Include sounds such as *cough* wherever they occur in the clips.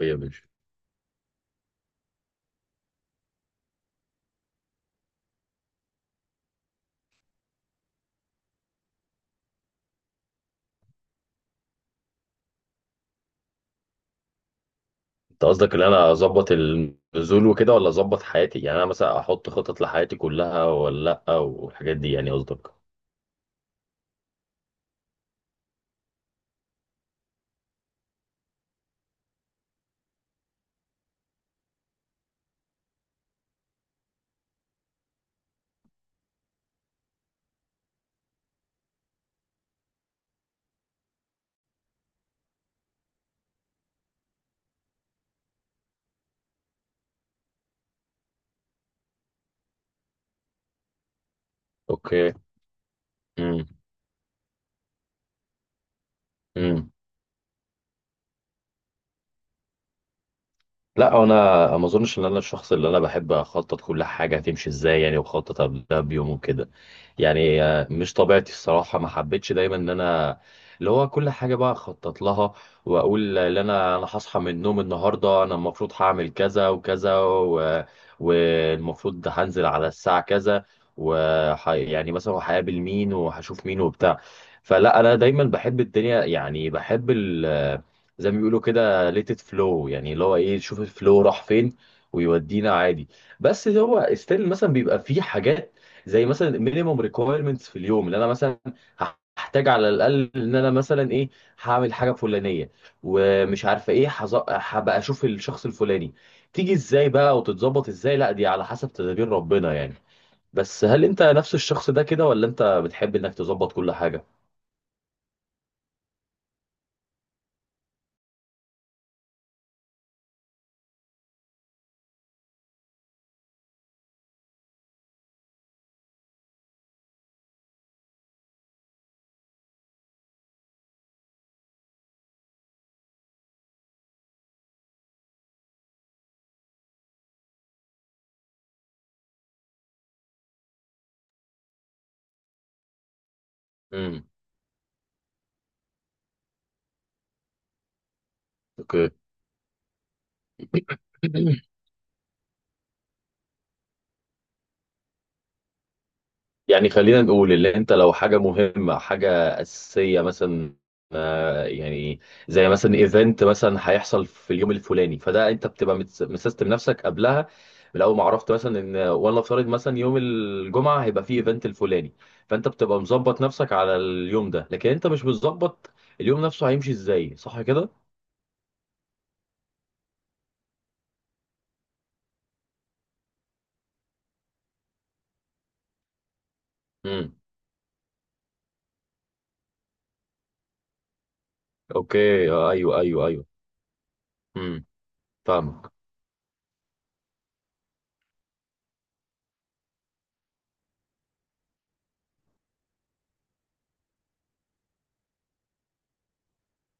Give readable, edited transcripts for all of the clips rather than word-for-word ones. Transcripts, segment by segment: ايه يا باشا. انت قصدك ان انا اظبط النزول وكده ولا اظبط حياتي؟ يعني انا مثلا احط خطط لحياتي كلها ولا لا والحاجات دي، يعني قصدك؟ اوكي. امم. لا، انا ما اظنش ان انا الشخص اللي انا بحب اخطط كل حاجه هتمشي ازاي يعني، وخطط قبلها بيوم وكده. يعني مش طبيعتي الصراحه، ما حبيتش دايما ان انا اللي هو كل حاجه بقى اخطط لها، واقول ان انا هصحى من النوم النهارده، انا المفروض هعمل كذا وكذا والمفروض ده هنزل على الساعه كذا، يعني مثلا هقابل مين وهشوف مين وبتاع. فلا، انا دايما بحب الدنيا، يعني بحب زي ما بيقولوا كده، ليتد فلو، يعني اللي هو ايه، شوف الفلو راح فين ويودينا عادي. بس هو ستيل مثلا بيبقى فيه حاجات، زي مثلا مينيموم ريكويرمنتس في اليوم اللي انا مثلا هحتاج على الاقل ان انا مثلا ايه، هعمل حاجه فلانيه، ومش عارفه ايه، هبقى اشوف الشخص الفلاني تيجي ازاي بقى وتتظبط ازاي، لا دي على حسب تدابير ربنا يعني. بس هل انت نفس الشخص ده كده، ولا انت بتحب انك تظبط كل حاجه؟ امم. اوكي. *coughs* يعني خلينا نقول، اللي انت لو حاجة مهمة، حاجة أساسية مثلا، يعني زي مثلا ايفنت مثلا هيحصل في اليوم الفلاني، فده انت بتبقى مسيستم نفسك قبلها، من اول ما عرفت مثلا ان، ولا افترض مثلا يوم الجمعة هيبقى فيه ايفنت الفلاني، فانت بتبقى مظبط نفسك على اليوم ده، لكن انت مش مظبط اليوم نفسه هيمشي ازاي، صح كده؟ امم. اوكي. آه، ايوه، ايوه، ايوه. امم. فاهمك.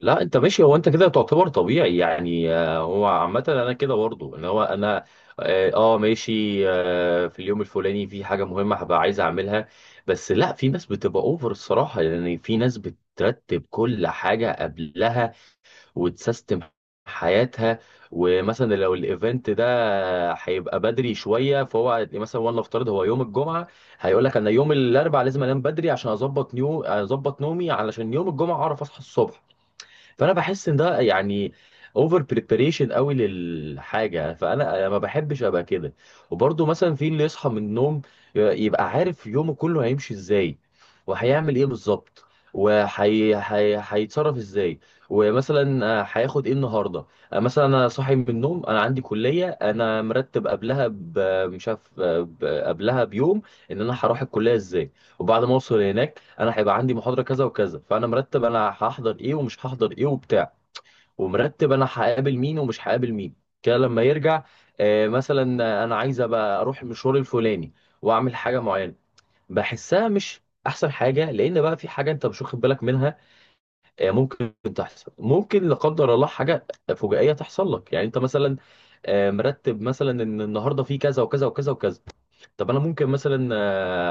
لا، انت ماشي، هو انت كده تعتبر طبيعي يعني، هو عامة انا كده برضه، ان هو انا ماشي، في اليوم الفلاني في حاجة مهمة هبقى عايز اعملها. بس لا، في ناس بتبقى اوفر الصراحة، يعني في ناس بترتب كل حاجة قبلها وتسيستم حياتها، ومثلا لو الايفنت ده هيبقى بدري شوية، فهو مثلا وانا افترض هو يوم الجمعة، هيقول لك انا يوم الاربعاء لازم انام بدري عشان اظبط اظبط نومي علشان يوم الجمعة اعرف اصحى الصبح. فانا بحس ان ده يعني اوفر بريباريشن قوي للحاجه، فانا ما بحبش ابقى كده. وبرضه مثلا في اللي يصحى من النوم يبقى عارف يومه كله هيمشي ازاي وهيعمل ايه بالظبط، وهي هيتصرف ازاي، ومثلا هياخد ايه النهارده. مثلا انا صاحي من النوم، انا عندي كليه، انا مرتب قبلها مش عارف، قبلها بيوم ان انا هروح الكليه ازاي، وبعد ما اوصل هناك انا هيبقى عندي محاضره كذا وكذا، فانا مرتب انا هحضر ايه ومش هحضر ايه وبتاع، ومرتب انا هقابل مين ومش هقابل مين، كده لما يرجع. مثلا انا عايز ابقى اروح المشوار الفلاني واعمل حاجه معينه، بحسها مش احسن حاجه، لان بقى في حاجه انت مش واخد بالك منها، ممكن تحصل ممكن لا قدر الله، حاجه فجائيه تحصل لك، يعني انت مثلا مرتب مثلا ان النهارده في كذا وكذا وكذا وكذا، طب انا ممكن مثلا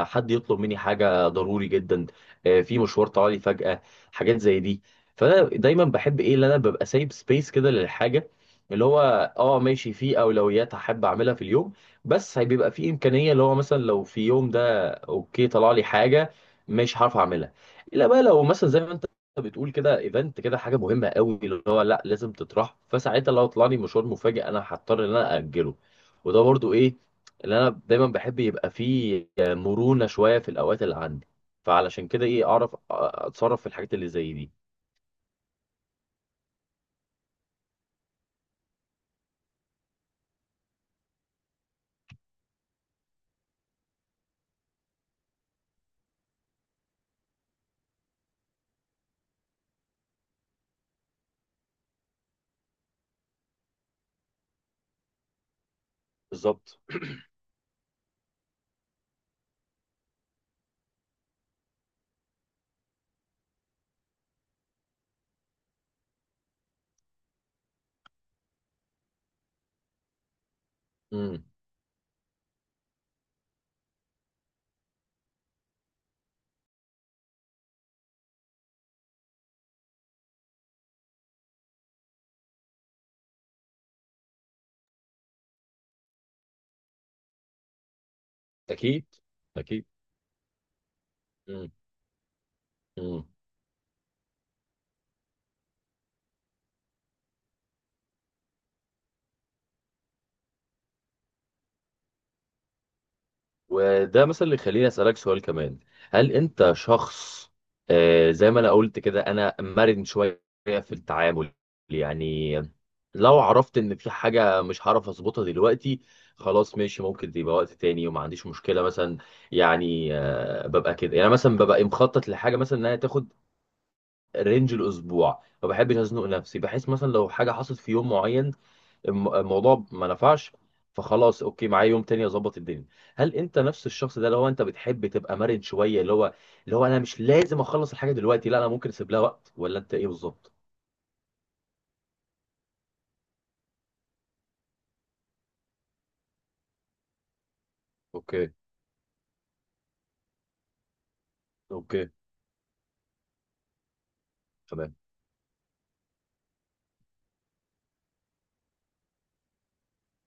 حد يطلب مني حاجه ضروري جدا، في مشوار طلعلي فجاه، حاجات زي دي. فانا دايما بحب ايه، اللي انا ببقى سايب سبيس كده للحاجه، اللي هو اه ماشي، في اولويات هحب اعملها في اليوم، بس بيبقى في امكانيه، اللي هو مثلا لو في يوم ده اوكي طلع لي حاجه مش هعرف اعملها، الا بقى لو مثلا زي ما انت بتقول كده، ايفنت كده، حاجه مهمه قوي، اللي هو لا، لازم تطرح، فساعتها لو طلع لي مشوار مفاجئ انا هضطر ان انا اجله. وده برضو ايه اللي انا دايما بحب يبقى فيه مرونة شوية في الاوقات اللي عندي، فعلشان كده ايه، اعرف اتصرف في الحاجات اللي زي دي. بالظبط. امم. اكيد، اكيد. امم. امم. وده مثلا اللي يخليني اسالك سؤال كمان، هل انت شخص زي ما انا قلت كده، انا مرن شويه في التعامل، يعني لو عرفت ان في حاجه مش هعرف اظبطها دلوقتي، خلاص ماشي ممكن يبقى وقت تاني وما عنديش مشكله مثلا، يعني ببقى كده، يعني مثلا ببقى مخطط لحاجه مثلا انها تاخد رينج الاسبوع، ما بحبش ازنق نفسي، بحيث مثلا لو حاجه حصلت في يوم معين الموضوع ما نفعش، فخلاص اوكي معايا يوم تاني اظبط الدنيا. هل انت نفس الشخص ده، اللي هو انت بتحب تبقى مرن شويه، اللي هو انا مش لازم اخلص الحاجه دلوقتي، لا انا ممكن اسيب لها وقت، ولا انت ايه بالظبط؟ اوكي. اوكي. تمام.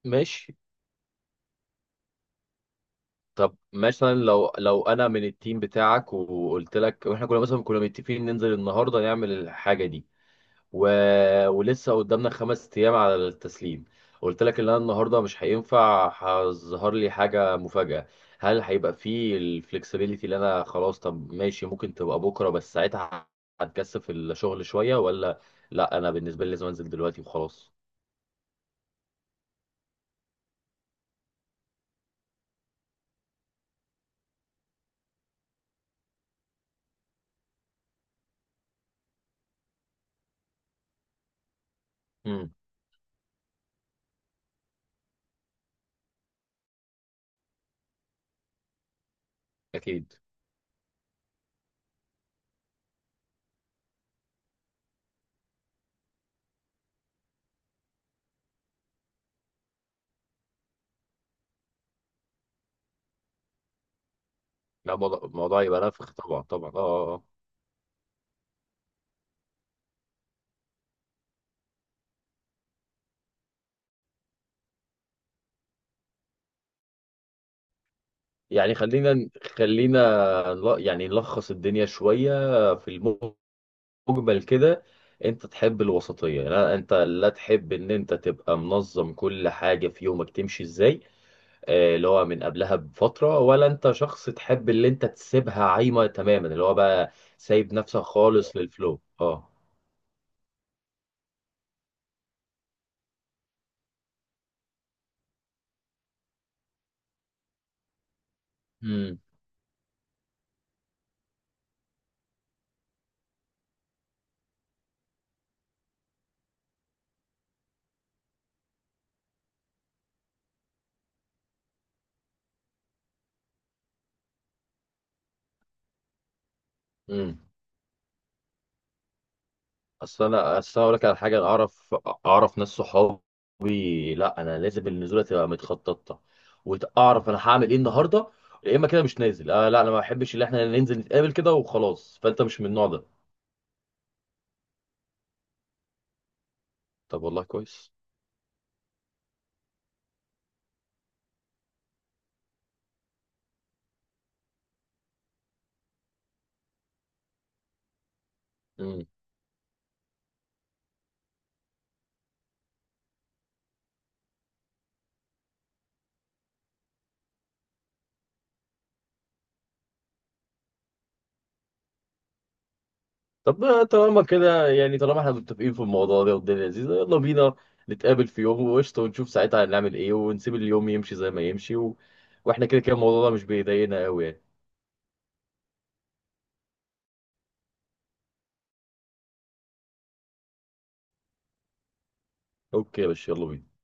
ماشي. طب مثلا لو انا من التيم بتاعك، وقلت لك واحنا كنا مثلا كنا متفقين ننزل النهارده نعمل الحاجه دي و... ولسه قدامنا خمس ايام على التسليم، قلت لك ان انا النهارده مش هينفع، هظهر لي حاجه مفاجاه، هل هيبقى فيه الفلكسبيليتي اللي انا خلاص طب ماشي ممكن تبقى بكره، بس ساعتها هتكثف الشغل شويه، ولا لا انا بالنسبه لي لازم انزل دلوقتي وخلاص؟ امم. اكيد. لا، الموضوع يبقى نفخ، طبعا طبعا، اه اه آه. يعني خلينا يعني نلخص الدنيا شويه، في مجمل كده، انت تحب الوسطية، لا انت لا تحب ان انت تبقى منظم كل حاجة في يومك تمشي ازاي، اللي هو من قبلها بفترة، ولا انت شخص تحب اللي انت تسيبها عايمة تماما، اللي هو بقى سايب نفسك خالص للفلو؟ اه. امم. امم. اصل انا اصل أنا اقول لك على حاجة، انا اعرف ناس صحابي، لا انا لازم النزولة تبقى متخططة واعرف انا هعمل ايه النهاردة، يا اما كده مش نازل، آه لا انا ما بحبش ان احنا ننزل نتقابل كده وخلاص، فانت مش من النوع ده؟ طب والله كويس. امم. طب طالما كده، يعني طالما احنا متفقين في الموضوع ده، والدنيا لذيذة، يلا بينا نتقابل في يوم وقشطة، ونشوف ساعتها هنعمل ايه، ونسيب اليوم يمشي زي ما يمشي واحنا كده كده الموضوع ده مش بيضايقنا قوي يعني. اوكي يا باشا، يلا بينا.